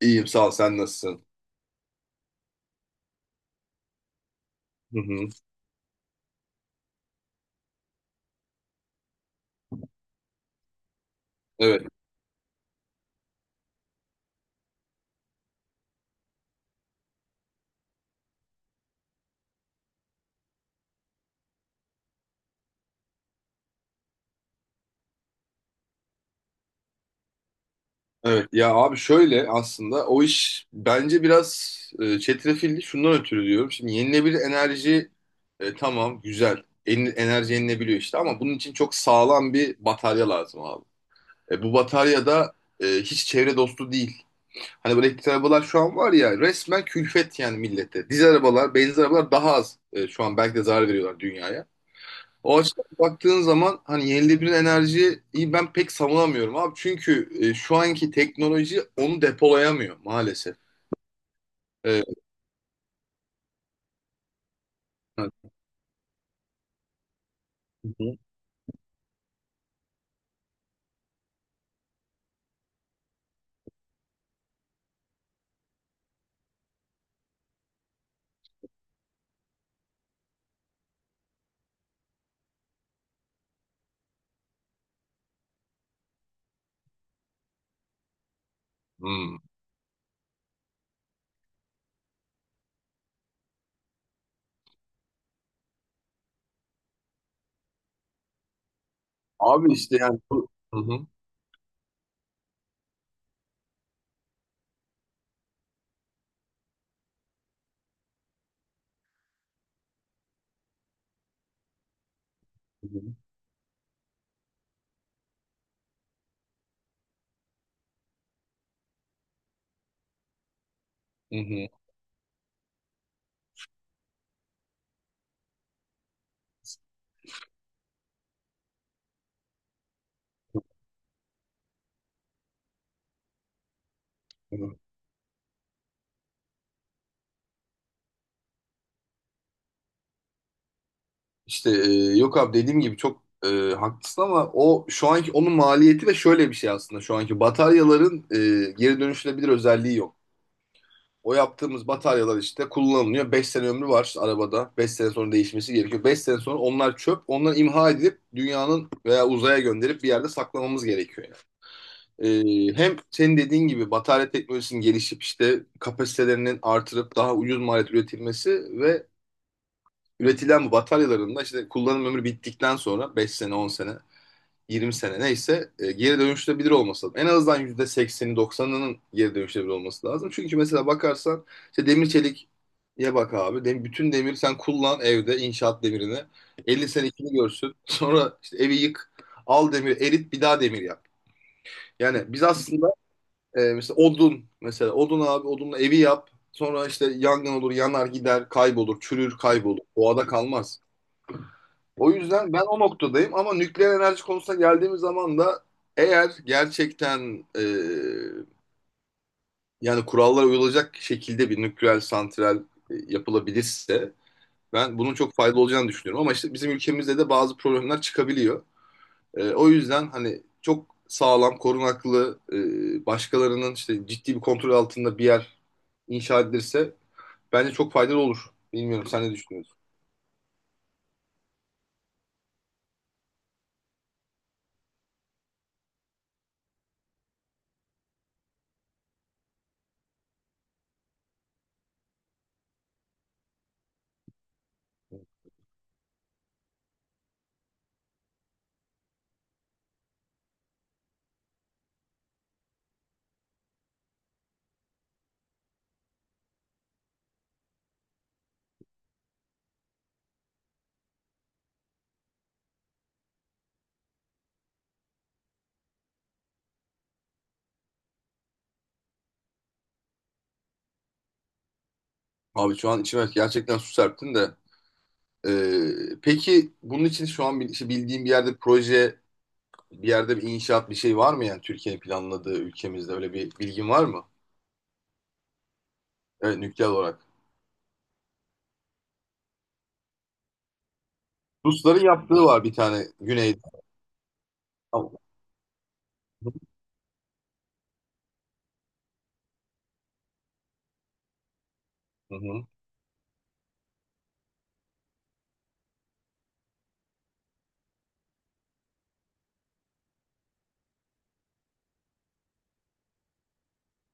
İyiyim sağ ol, sen nasılsın? Hı hı. Evet. Evet ya abi, şöyle, aslında o iş bence biraz çetrefilli, şundan ötürü diyorum. Şimdi yenilebilir enerji tamam, güzel, enerji yenilebiliyor işte, ama bunun için çok sağlam bir batarya lazım abi. Bu batarya da hiç çevre dostu değil. Hani böyle elektrikli arabalar şu an var ya, resmen külfet yani millete. Dizel arabalar, benzin arabalar daha az şu an, belki de zarar veriyorlar dünyaya. O açıdan baktığın zaman hani yenilenebilir enerjiyi ben pek savunamıyorum abi. Çünkü şu anki teknoloji onu depolayamıyor maalesef. E, Hı hı. Hmm. Abi işte yani Hı hı. Hı hı. Hı hı. İşte yok abi, dediğim gibi çok haklısın, ama o şu anki onun maliyeti. Ve şöyle bir şey aslında, şu anki bataryaların geri dönüşülebilir özelliği yok. O yaptığımız bataryalar işte kullanılıyor. Beş sene ömrü var arabada. Beş sene sonra değişmesi gerekiyor. Beş sene sonra onlar çöp. Onları imha edilip dünyanın veya uzaya gönderip bir yerde saklamamız gerekiyor yani. Hem senin dediğin gibi batarya teknolojisinin gelişip işte kapasitelerinin artırıp daha ucuz maliyet üretilmesi ve üretilen bu bataryaların da işte kullanım ömrü bittikten sonra 5 sene, 10 sene, 20 sene neyse geri dönüştürebilir olması lazım. En azından %80'i 90'ının geri dönüştürebilir olması lazım. Çünkü mesela bakarsan işte demir çelik, ya bak abi. Bütün demir, sen kullan evde inşaat demirini. 50 sene ikini görsün. Sonra işte evi yık. Al demir erit, bir daha demir yap. Yani biz aslında mesela odun, mesela odun abi, odunla evi yap. Sonra işte yangın olur, yanar gider, kaybolur, çürür, kaybolur. Doğada kalmaz. O yüzden ben o noktadayım. Ama nükleer enerji konusuna geldiğimiz zaman da eğer gerçekten yani kurallara uyulacak şekilde bir nükleer santral yapılabilirse ben bunun çok faydalı olacağını düşünüyorum. Ama işte bizim ülkemizde de bazı problemler çıkabiliyor. O yüzden hani çok sağlam, korunaklı, başkalarının işte ciddi bir kontrol altında bir yer inşa edilirse bence çok faydalı olur. Bilmiyorum, sen ne düşünüyorsun? Abi şu an içime gerçekten su serptin de. Peki bunun için şu an işte bildiğim bir yerde proje, bir yerde bir inşaat, bir şey var mı yani? Türkiye'nin planladığı, ülkemizde öyle bir bilgin var mı? Evet, nükleer olarak. Rusların yaptığı var bir tane güneyde. Tamam. Hı hı.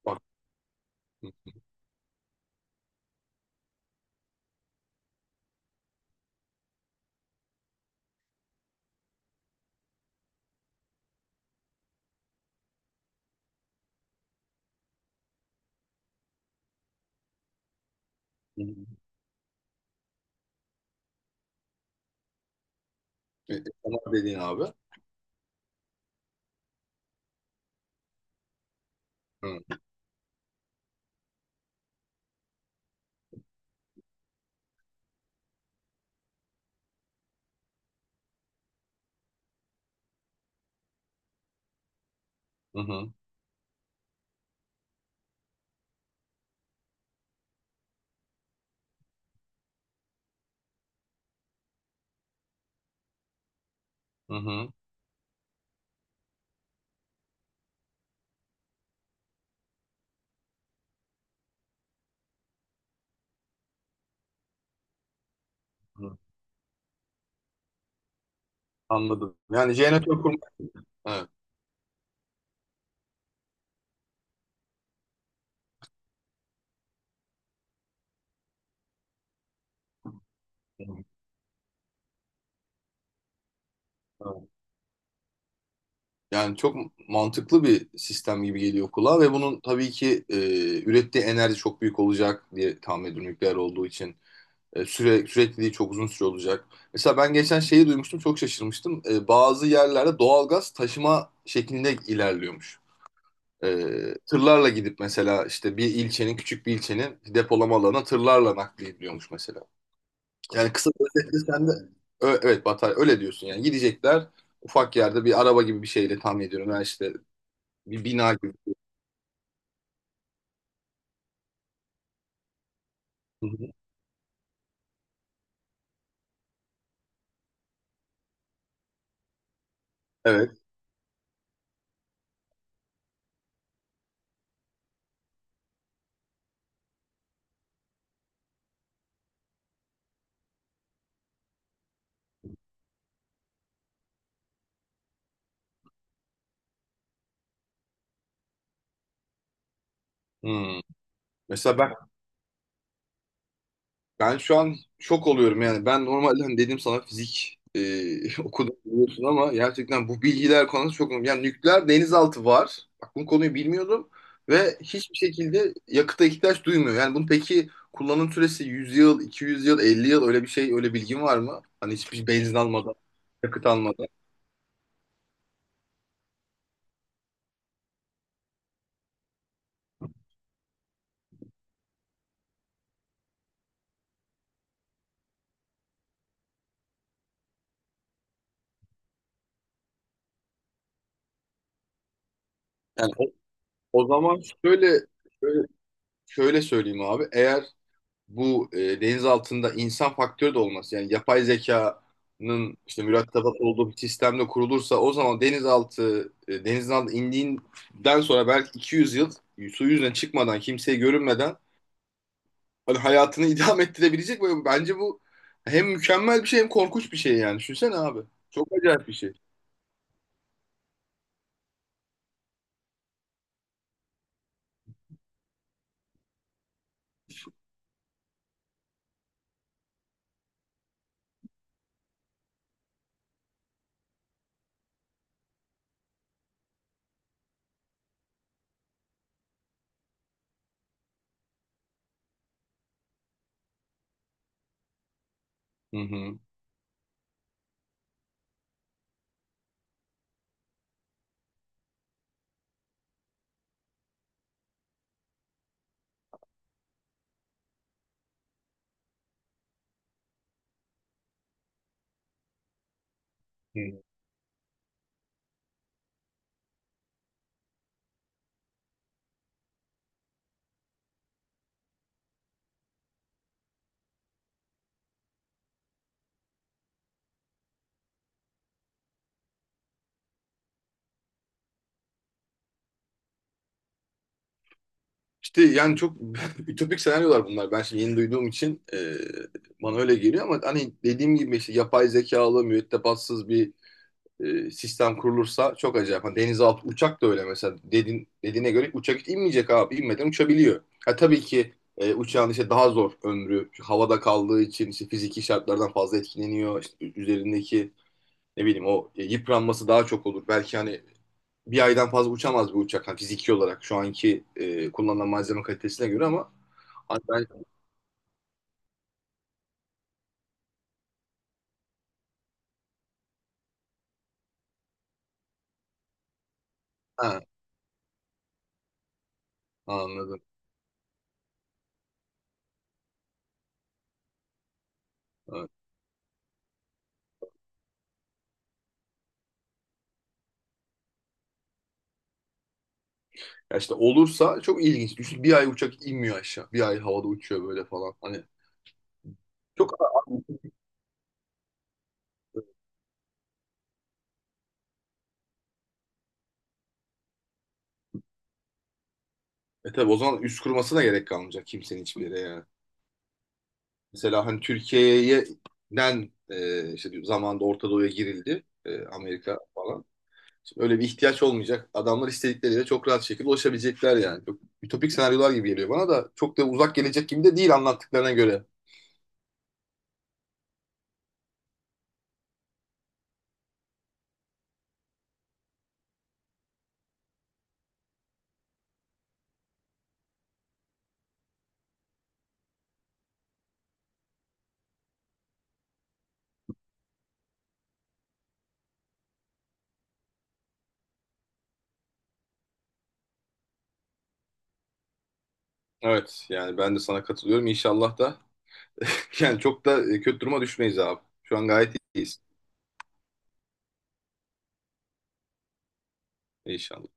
Bak. Hı hı. Tamam dediğin abi. Hı hı. Hı hı. Hı. Anladım. Yani jeneratör kurmak. Evet. Hı hı. Evet. Yani çok mantıklı bir sistem gibi geliyor kulağa. Ve bunun tabii ki ürettiği enerji çok büyük olacak diye tahmin ediyorum, nükleer olduğu için. Sürekliliği çok uzun süre olacak. Mesela ben geçen şeyi duymuştum, çok şaşırmıştım. Bazı yerlerde doğalgaz taşıma şeklinde ilerliyormuş. E, Tırlarla gidip mesela işte bir ilçenin, küçük bir ilçenin depolama alanına tırlarla naklediliyormuş mesela. Yani kısa bir özetle sen de evet, batarya öyle diyorsun yani. Gidecekler ufak yerde bir araba gibi bir şeyle, tahmin ediyorum. Yani işte bir bina gibi. Hı hı. Evet. Hmm. Mesela ben şu an şok oluyorum yani. Ben normalde hani dedim sana, fizik okudum, biliyorsun, ama gerçekten bu bilgiler konusu çok önemli. Yani nükleer denizaltı var. Bak, bu konuyu bilmiyordum ve hiçbir şekilde yakıta ihtiyaç duymuyor. Yani bunun peki kullanım süresi 100 yıl, 200 yıl, 50 yıl öyle bir şey, öyle bilgin var mı? Hani hiçbir benzin almadan, yakıt almadan. Yani o, o zaman şöyle, şöyle şöyle söyleyeyim abi. Eğer bu deniz altında insan faktörü de olması, yani yapay zekanın işte mürettebat olduğu bir sistemde kurulursa, o zaman denizaltı denizin altına indiğinden sonra belki 200 yıl su yüzüne çıkmadan, kimseye görünmeden hani hayatını idame ettirebilecek. Böyle bence bu hem mükemmel bir şey hem korkunç bir şey, yani düşünsene abi, çok acayip bir şey. Hı hı. Hı. İşte yani çok ütopik senaryolar bunlar. Ben şimdi yeni duyduğum için bana öyle geliyor, ama hani dediğim gibi işte yapay zekalı, mürettebatsız bir sistem kurulursa çok acayip. Hani denizaltı uçak da öyle mesela, dedin, dediğine göre uçak hiç inmeyecek abi. İnmeden uçabiliyor. Ha, tabii ki uçağın işte daha zor ömrü. Çünkü havada kaldığı için işte fiziki şartlardan fazla etkileniyor. İşte üzerindeki, ne bileyim, o yıpranması daha çok olur. Belki hani bir aydan fazla uçamaz bir uçak, hani fiziki olarak şu anki kullanılan malzeme kalitesine göre. Ama hani ben ha, anladım. Evet. Ya işte olursa çok ilginç. Düşün, bir ay uçak inmiyor aşağı. Bir ay havada uçuyor böyle falan. Hani çok. E tabi, o zaman üst kurmasına gerek kalmayacak kimsenin hiçbir yere yani. Mesela hani Türkiye'den işte bir zamanda Orta Doğu'ya girildi. Amerika falan. Şimdi öyle bir ihtiyaç olmayacak. Adamlar istedikleriyle çok rahat şekilde ulaşabilecekler yani. Çok ütopik senaryolar gibi geliyor bana, da çok da uzak gelecek gibi de değil anlattıklarına göre. Evet yani ben de sana katılıyorum. İnşallah da yani çok da kötü duruma düşmeyiz abi. Şu an gayet iyiyiz. İnşallah.